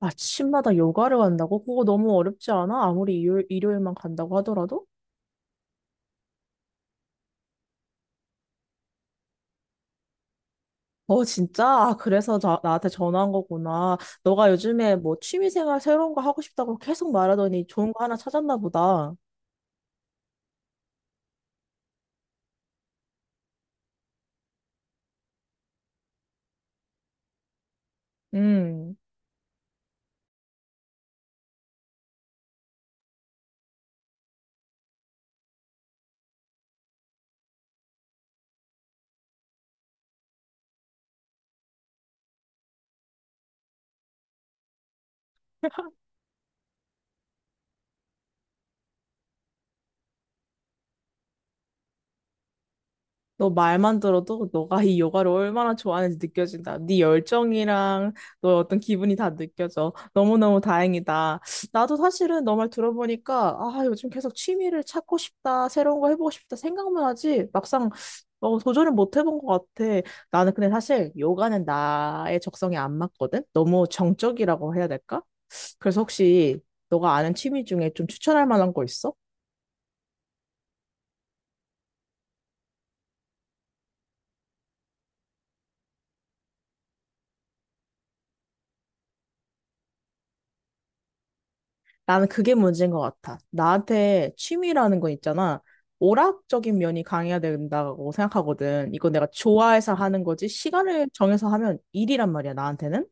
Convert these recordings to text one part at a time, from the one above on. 아침마다 요가를 간다고? 그거 너무 어렵지 않아? 아무리 일요일만 간다고 하더라도? 어, 진짜? 아, 그래서 나한테 전화한 거구나. 너가 요즘에 뭐 취미생활 새로운 거 하고 싶다고 계속 말하더니 좋은 거 하나 찾았나 보다. 음. 너 말만 들어도 너가 이 요가를 얼마나 좋아하는지 느껴진다. 네 열정이랑 너의 어떤 기분이 다 느껴져. 너무너무 다행이다. 나도 사실은 너 말 들어보니까 아, 요즘 계속 취미를 찾고 싶다. 새로운 거 해보고 싶다. 생각만 하지. 막상 도전을 못 해본 것 같아. 나는 근데 사실 요가는 나의 적성에 안 맞거든. 너무 정적이라고 해야 될까? 그래서 혹시 너가 아는 취미 중에 좀 추천할 만한 거 있어? 나는 그게 문제인 것 같아. 나한테 취미라는 건 있잖아. 오락적인 면이 강해야 된다고 생각하거든. 이건 내가 좋아해서 하는 거지. 시간을 정해서 하면 일이란 말이야, 나한테는.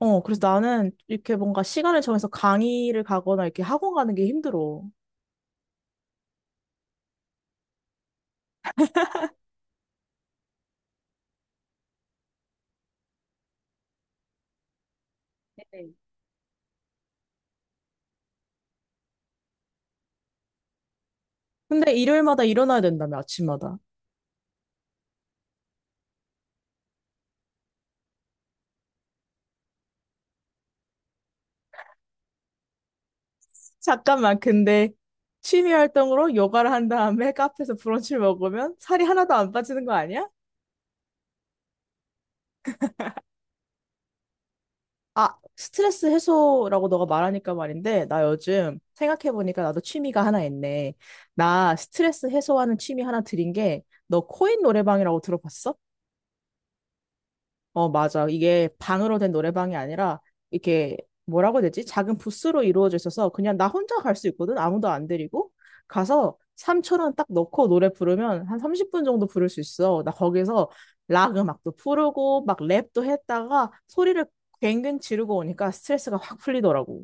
그래서 나는 이렇게 뭔가 시간을 정해서 강의를 가거나 이렇게 학원 가는 게 힘들어. 근데 일요일마다 일어나야 된다며, 아침마다. 잠깐만, 근데 취미 활동으로 요가를 한 다음에 카페에서 브런치를 먹으면 살이 하나도 안 빠지는 거 아니야? 아, 스트레스 해소라고 너가 말하니까 말인데, 나 요즘 생각해보니까 나도 취미가 하나 있네. 나 스트레스 해소하는 취미 하나 들인 게, 너 코인 노래방이라고 들어봤어? 어, 맞아. 이게 방으로 된 노래방이 아니라 이렇게 뭐라고 해야 되지? 작은 부스로 이루어져 있어서 그냥 나 혼자 갈 수 있거든. 아무도 안 데리고. 가서 3초원딱 넣고 노래 부르면 한 30분 정도 부를 수 있어. 나 거기서 락 음악도 부르고 막 랩도 했다가 소리를 괭괭 지르고 오니까 스트레스가 확 풀리더라고.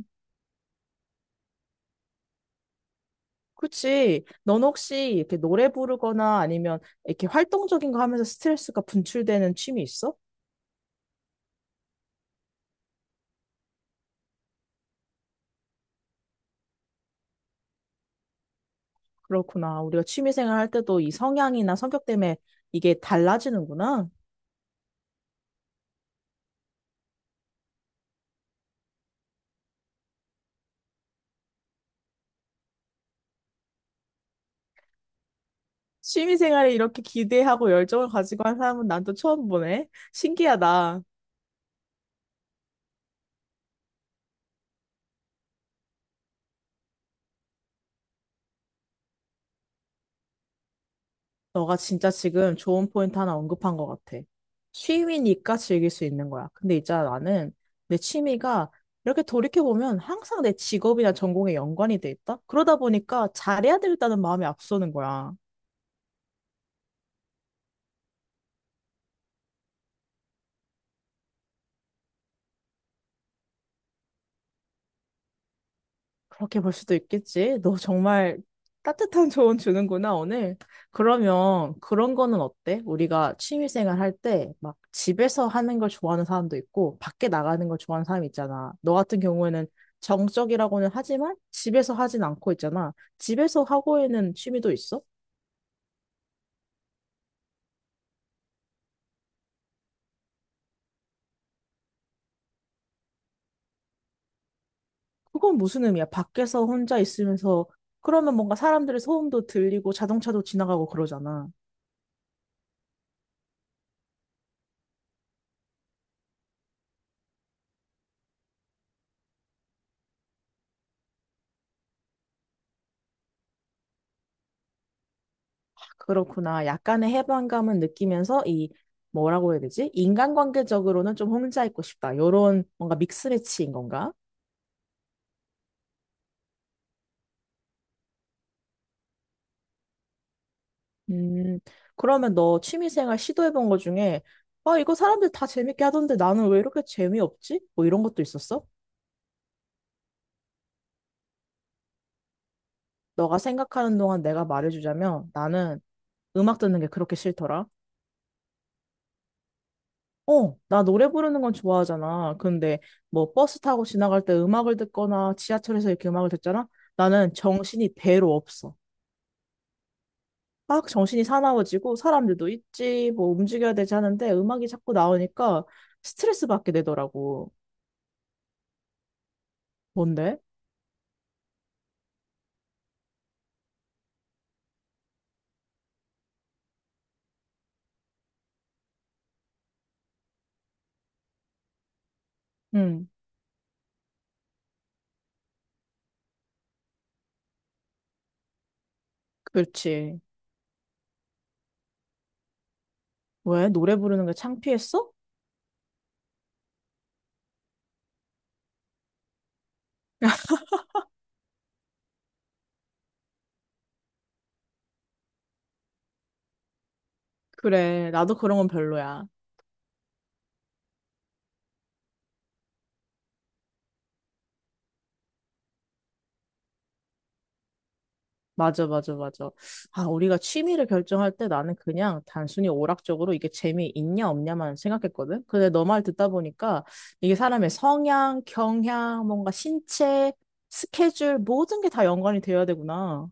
그치. 넌 혹시 이렇게 노래 부르거나 아니면 이렇게 활동적인 거 하면서 스트레스가 분출되는 취미 있어? 그렇구나. 우리가 취미생활 할 때도 이 성향이나 성격 때문에 이게 달라지는구나. 취미생활에 이렇게 기대하고 열정을 가지고 한 사람은 난 또 처음 보네. 신기하다. 너가 진짜 지금 좋은 포인트 하나 언급한 것 같아. 취미니까 즐길 수 있는 거야. 근데 있잖아, 나는 내 취미가 이렇게 돌이켜보면 항상 내 직업이나 전공에 연관이 돼 있다? 그러다 보니까 잘해야 되겠다는 마음이 앞서는 거야. 그렇게 볼 수도 있겠지. 너 정말 따뜻한 조언 주는구나, 오늘. 그러면 그런 거는 어때? 우리가 취미생활 할 때 막 집에서 하는 걸 좋아하는 사람도 있고 밖에 나가는 걸 좋아하는 사람이 있잖아. 너 같은 경우에는 정적이라고는 하지만 집에서 하진 않고 있잖아. 집에서 하고 있는 취미도 있어? 그건 무슨 의미야? 밖에서 혼자 있으면서 그러면 뭔가 사람들의 소음도 들리고 자동차도 지나가고 그러잖아. 그렇구나. 약간의 해방감은 느끼면서 이 뭐라고 해야 되지? 인간관계적으로는 좀 혼자 있고 싶다. 요런 뭔가 믹스매치인 건가? 음, 그러면 너 취미생활 시도해본 거 중에 아, 이거 사람들 다 재밌게 하던데 나는 왜 이렇게 재미없지? 뭐 이런 것도 있었어? 너가 생각하는 동안 내가 말해주자면 나는 음악 듣는 게 그렇게 싫더라. 어, 나 노래 부르는 건 좋아하잖아. 근데 뭐 버스 타고 지나갈 때 음악을 듣거나 지하철에서 이렇게 음악을 듣잖아? 나는 정신이 배로 없어. 막 정신이 사나워지고 사람들도 있지, 뭐 움직여야 되지 하는데 음악이 자꾸 나오니까 스트레스 받게 되더라고. 뭔데? 응, 그렇지. 왜? 노래 부르는 게 창피했어? 그래, 나도 그런 건 별로야. 맞아, 맞아, 맞아. 아, 우리가 취미를 결정할 때 나는 그냥 단순히 오락적으로 이게 재미있냐, 없냐만 생각했거든? 근데 너 말 듣다 보니까 이게 사람의 성향, 경향, 뭔가 신체, 스케줄, 모든 게 다 연관이 되어야 되구나.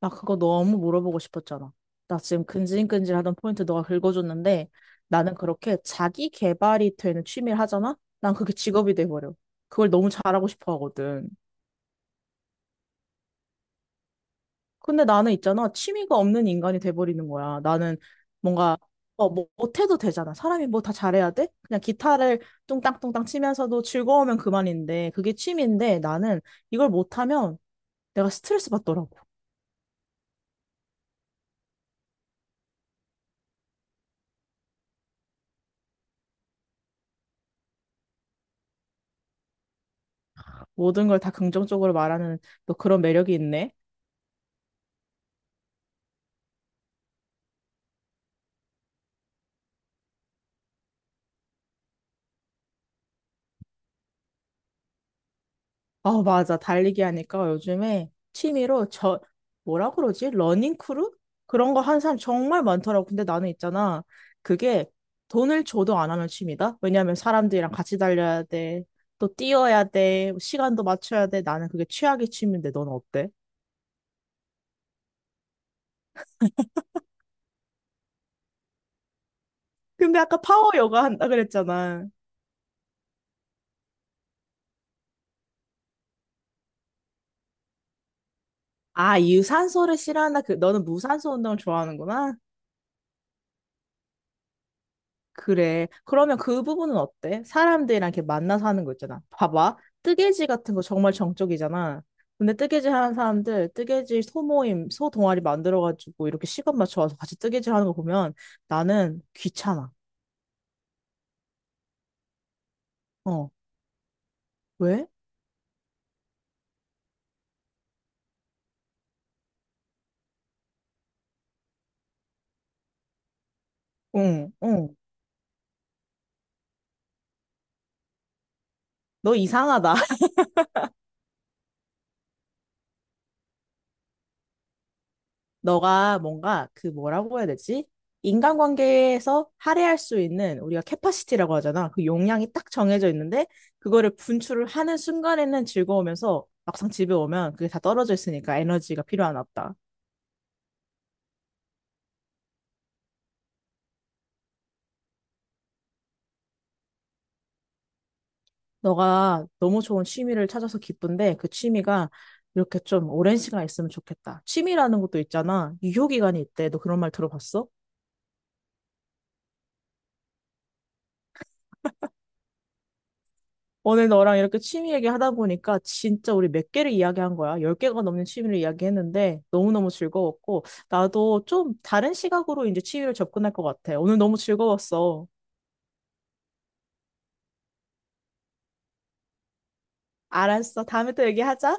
나 그거 너무 물어보고 싶었잖아. 나 지금 근질근질하던 포인트 너가 긁어줬는데 나는 그렇게 자기 개발이 되는 취미를 하잖아? 난 그게 직업이 돼버려. 그걸 너무 잘하고 싶어 하거든. 근데 나는 있잖아. 취미가 없는 인간이 돼버리는 거야. 나는 뭔가 뭐 못해도 되잖아. 사람이 뭐 다 잘해야 돼? 그냥 기타를 뚱땅뚱땅 치면서도 즐거우면 그만인데 그게 취미인데 나는 이걸 못하면 내가 스트레스 받더라고. 모든 걸 다 긍정적으로 말하는 너 그런 매력이 있네. 어, 맞아. 달리기 하니까 요즘에 취미로 저, 뭐라 그러지? 러닝 크루? 그런 거 하는 사람 정말 많더라고. 근데 나는 있잖아. 그게 돈을 줘도 안 하는 취미다? 왜냐하면 사람들이랑 같이 달려야 돼. 또 뛰어야 돼. 시간도 맞춰야 돼. 나는 그게 최악의 취미인데 넌 어때? 근데 아까 파워 요가 한다 그랬잖아. 아, 유산소를 싫어한다. 그, 너는 무산소 운동을 좋아하는구나. 그래. 그러면 그 부분은 어때? 사람들이랑 이렇게 만나서 하는 거 있잖아. 봐봐. 뜨개질 같은 거 정말 정적이잖아. 근데 뜨개질 하는 사람들, 뜨개질 소모임, 소동아리 만들어가지고 이렇게 시간 맞춰와서 같이 뜨개질 하는 거 보면 나는 귀찮아. 어. 왜? 응, 응. 너 이상하다. 너가 뭔가 그 뭐라고 해야 되지? 인간관계에서 할애할 수 있는 우리가 캐파시티라고 하잖아. 그 용량이 딱 정해져 있는데 그거를 분출을 하는 순간에는 즐거우면서 막상 집에 오면 그게 다 떨어져 있으니까 에너지가 필요하나 보다. 너가 너무 좋은 취미를 찾아서 기쁜데 그 취미가 이렇게 좀 오랜 시간 있으면 좋겠다. 취미라는 것도 있잖아. 유효기간이 있대. 너 그런 말 들어봤어? 오늘 너랑 이렇게 취미 얘기하다 보니까 진짜 우리 몇 개를 이야기한 거야. 열 개가 넘는 취미를 이야기했는데 너무너무 즐거웠고 나도 좀 다른 시각으로 이제 취미를 접근할 것 같아. 오늘 너무 즐거웠어. 알았어. 다음에 또 얘기하자.